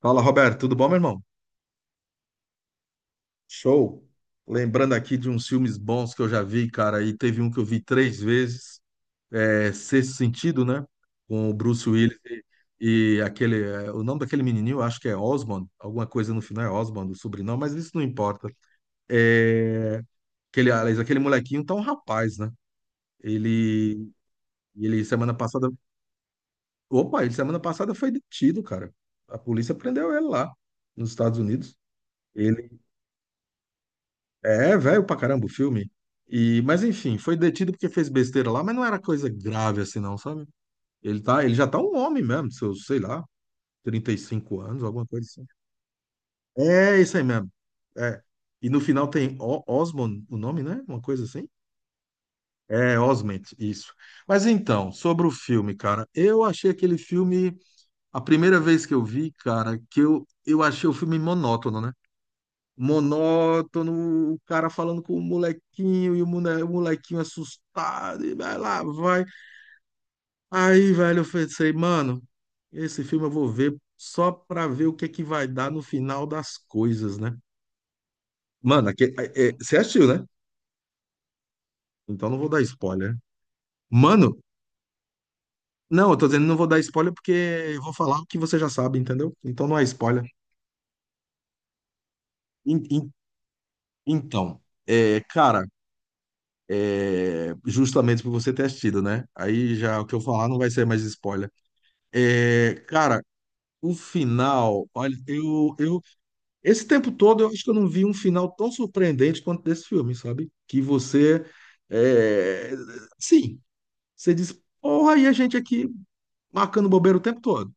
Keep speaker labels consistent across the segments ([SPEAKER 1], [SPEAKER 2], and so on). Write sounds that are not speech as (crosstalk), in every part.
[SPEAKER 1] Fala, Roberto, tudo bom, meu irmão? Show. Lembrando aqui de uns filmes bons que eu já vi, cara, e teve um que eu vi três vezes, é Sexto Sentido, né? Com o Bruce Willis e aquele, o nome daquele menininho, acho que é Osmond, alguma coisa no final é Osmond, o sobrenome, mas isso não importa. É, aquele, aliás, aquele molequinho tá um rapaz, né? Ele, ele semana passada, ele semana passada foi detido, cara. A polícia prendeu ele lá, nos Estados Unidos. É velho pra caramba o filme. E, mas enfim, foi detido porque fez besteira lá, mas não era coisa grave assim, não, sabe? Ele já tá um homem mesmo, seus, sei lá, 35 anos, alguma coisa assim. É isso aí mesmo. É. E no final tem Osmond, o nome, né? Uma coisa assim. É, Osment, isso. Mas então, sobre o filme, cara, eu achei aquele filme, a primeira vez que eu vi, cara, que eu achei o filme monótono, né? Monótono, o cara falando com o molequinho e o molequinho assustado, e vai lá, vai. Aí, velho, eu pensei, mano, esse filme eu vou ver só pra ver o que é que vai dar no final das coisas, né? Mano, aqui, você assistiu, né? Então não vou dar spoiler. Mano, não, eu tô dizendo não vou dar spoiler porque eu vou falar o que você já sabe, entendeu? Então não é spoiler. In- in- Então, é, cara, é, justamente por você ter assistido, né? Aí já o que eu falar não vai ser mais spoiler. É, cara, o final, olha, eu, esse tempo todo eu acho que eu não vi um final tão surpreendente quanto desse filme, sabe? Que você, é, sim, você diz, porra, e a gente aqui marcando bobeira o tempo todo.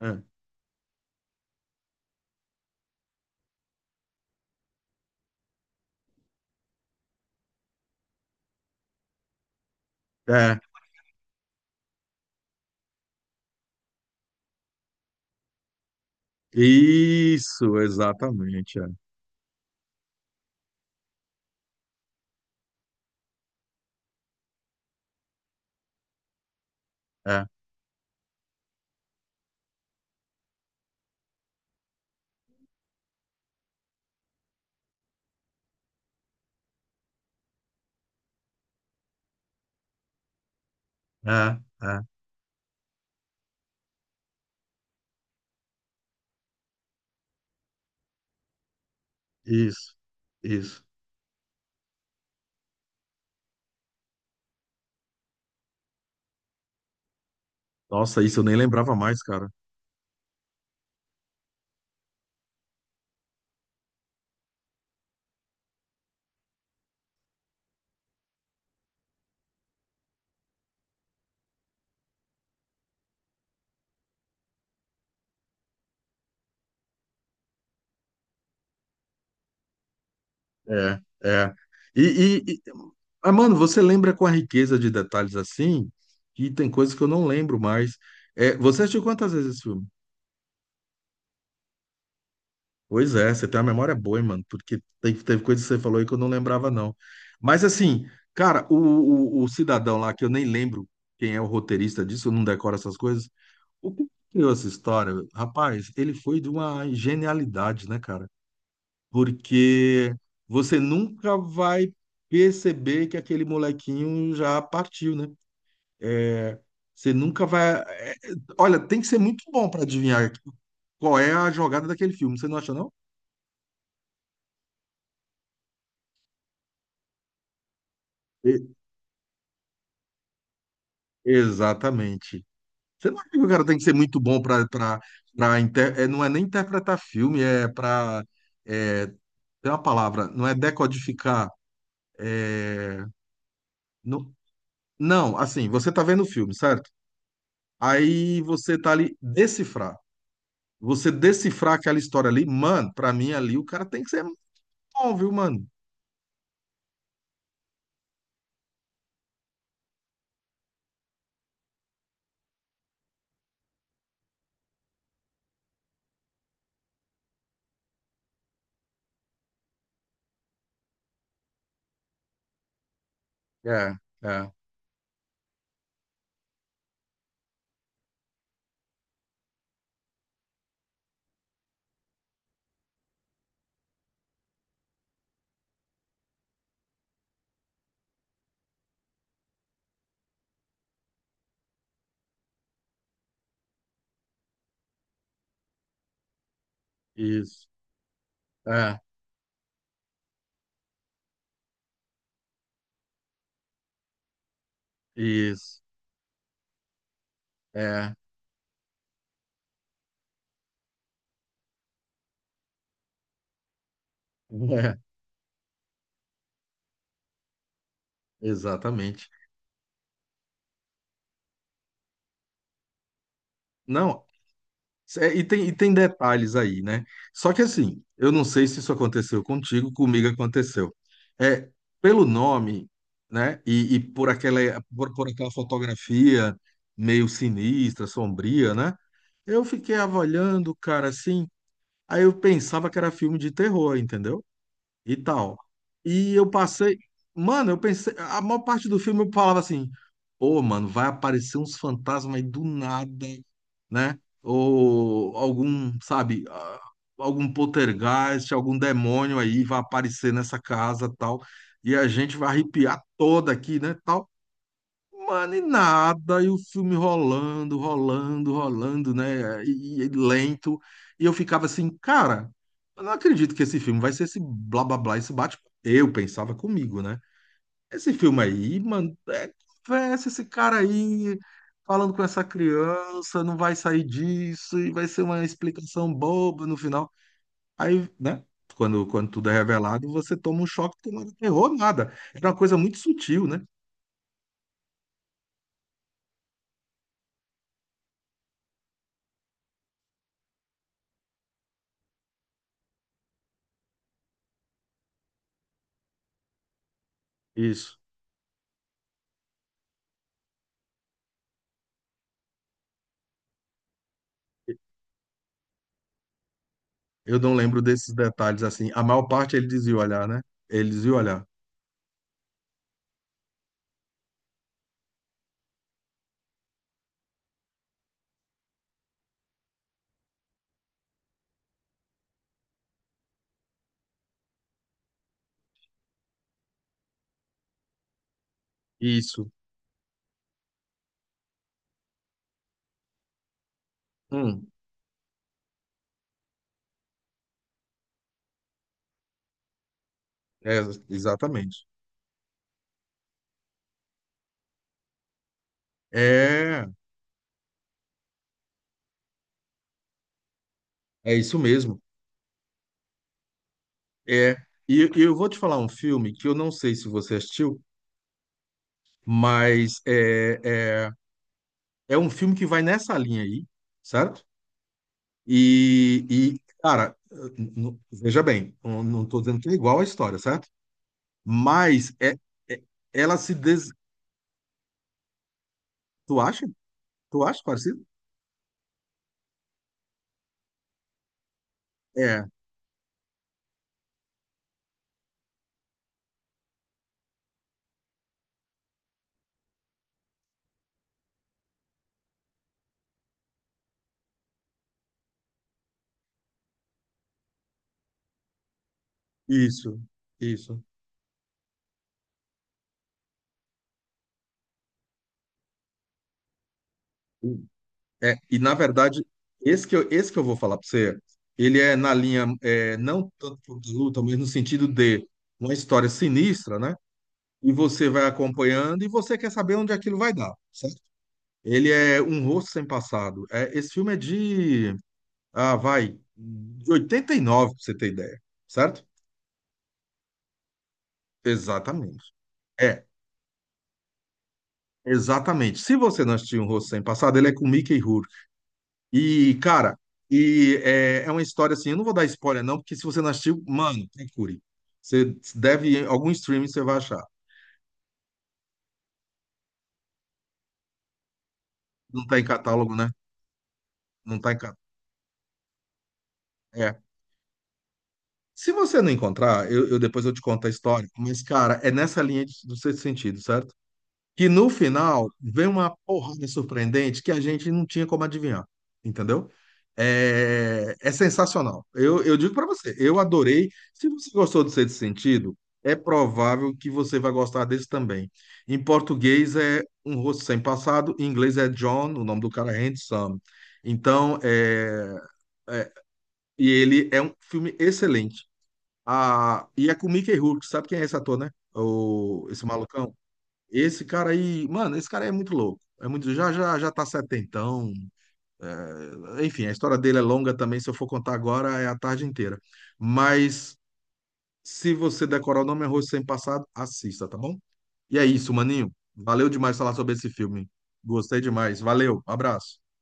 [SPEAKER 1] É, é, isso, exatamente, é, é, é, é, isso, isso. Nossa, isso eu nem lembrava mais, cara. É, é. E, e, e- ah, mano, você lembra com a riqueza de detalhes assim? Que tem coisas que eu não lembro mais. É, você assistiu quantas vezes esse filme? Pois é, você tem uma memória boa, hein, mano, porque teve coisas que você falou aí que eu não lembrava, não. Mas assim, cara, o cidadão lá, que eu nem lembro quem é o roteirista disso, eu não decoro essas coisas. O que criou essa história? Rapaz, ele foi de uma genialidade, né, cara? Porque você nunca vai perceber que aquele molequinho já partiu, né? É, você nunca vai. É, olha, tem que ser muito bom para adivinhar qual é a jogada daquele filme, você não acha, não? E- exatamente. Você não acha que o cara tem que ser muito bom para é, não é nem interpretar filme, é para é, tem uma palavra, não é decodificar. Não, não, assim, você tá vendo o filme, certo? Aí você tá ali decifrar. Você decifrar aquela história ali, mano, pra mim ali o cara tem que ser bom, viu, mano? É, é, isso, é, isso, é, (laughs) é, exatamente. Não, é, e tem detalhes aí, né? Só que assim, eu não sei se isso aconteceu contigo, comigo aconteceu. É, pelo nome, né, e por aquela, por aquela fotografia meio sinistra, sombria, né? Eu fiquei avaliando o cara assim. Aí eu pensava que era filme de terror, entendeu? E tal. E eu passei. Mano, eu pensei. A maior parte do filme eu falava assim: Ô, mano, vai aparecer uns fantasmas aí do nada, né? Ou algum, sabe, ah, algum poltergeist, algum demônio aí vai aparecer nessa casa tal. E a gente vai arrepiar toda aqui, né? Tal. Mano, e nada, e o filme rolando, rolando, rolando, né? E lento. E eu ficava assim, cara, eu não acredito que esse filme vai ser esse blá blá blá, esse bate. Eu pensava comigo, né? Esse filme aí, mano, é conversa, esse cara aí falando com essa criança, não vai sair disso, e vai ser uma explicação boba no final. Aí, né? Quando tudo é revelado, você toma um choque que não era terror, nada. Era uma coisa muito sutil, né? Isso. Eu não lembro desses detalhes assim. A maior parte ele dizia olhar, né? Ele dizia olhar. Isso. Hum. É, exatamente. É, é isso mesmo. É. E eu vou te falar um filme que eu não sei se você assistiu, mas é, é um filme que vai nessa linha aí, certo? E, e cara, veja bem, eu não estou dizendo que é igual à história, certo? Mas é- ela se des... Tu acha? Tu acha parecido? É, isso, isso. É, e na verdade, esse que eu vou falar para você, ele é na linha, é, não tanto por luta, mas no sentido de uma história sinistra, né? E você vai acompanhando e você quer saber onde aquilo vai dar, certo? Ele é Um Rosto Sem Passado. É, esse filme é de, ah, vai, de 89 para você ter ideia, certo? Exatamente. É, exatamente. Se você não assistiu Um Rosto Sem Passado, ele é com Mickey Rourke. E, cara, é uma história assim, eu não vou dar spoiler não, porque se você não assistiu, mano, procure. Você deve, em algum streaming você vai achar. Não tá em catálogo, né? Não tá em catálogo. É. Se você não encontrar, eu depois eu te conto a história. Mas, cara, é nessa linha do Sexto Sentido, certo? Que no final vem uma porrada surpreendente que a gente não tinha como adivinhar, entendeu? É, é sensacional. Eu digo para você, eu adorei. Se você gostou do Sexto Sentido, é provável que você vai gostar desse também. Em português é Um Rosto Sem Passado, em inglês é John, o nome do cara é Handsome. Então, é- e ele é um filme excelente. Ah, e é com Mickey Rourke, sabe quem é esse ator, né? O, esse malucão? Esse cara aí, mano, esse cara aí é muito louco. É muito, já já já tá setentão. É, enfim, a história dele é longa também. Se eu for contar agora, é a tarde inteira. Mas se você decorar o nome é Arroz Sem Passado, assista, tá bom? E é isso, maninho. Valeu demais falar sobre esse filme. Gostei demais. Valeu, abraço.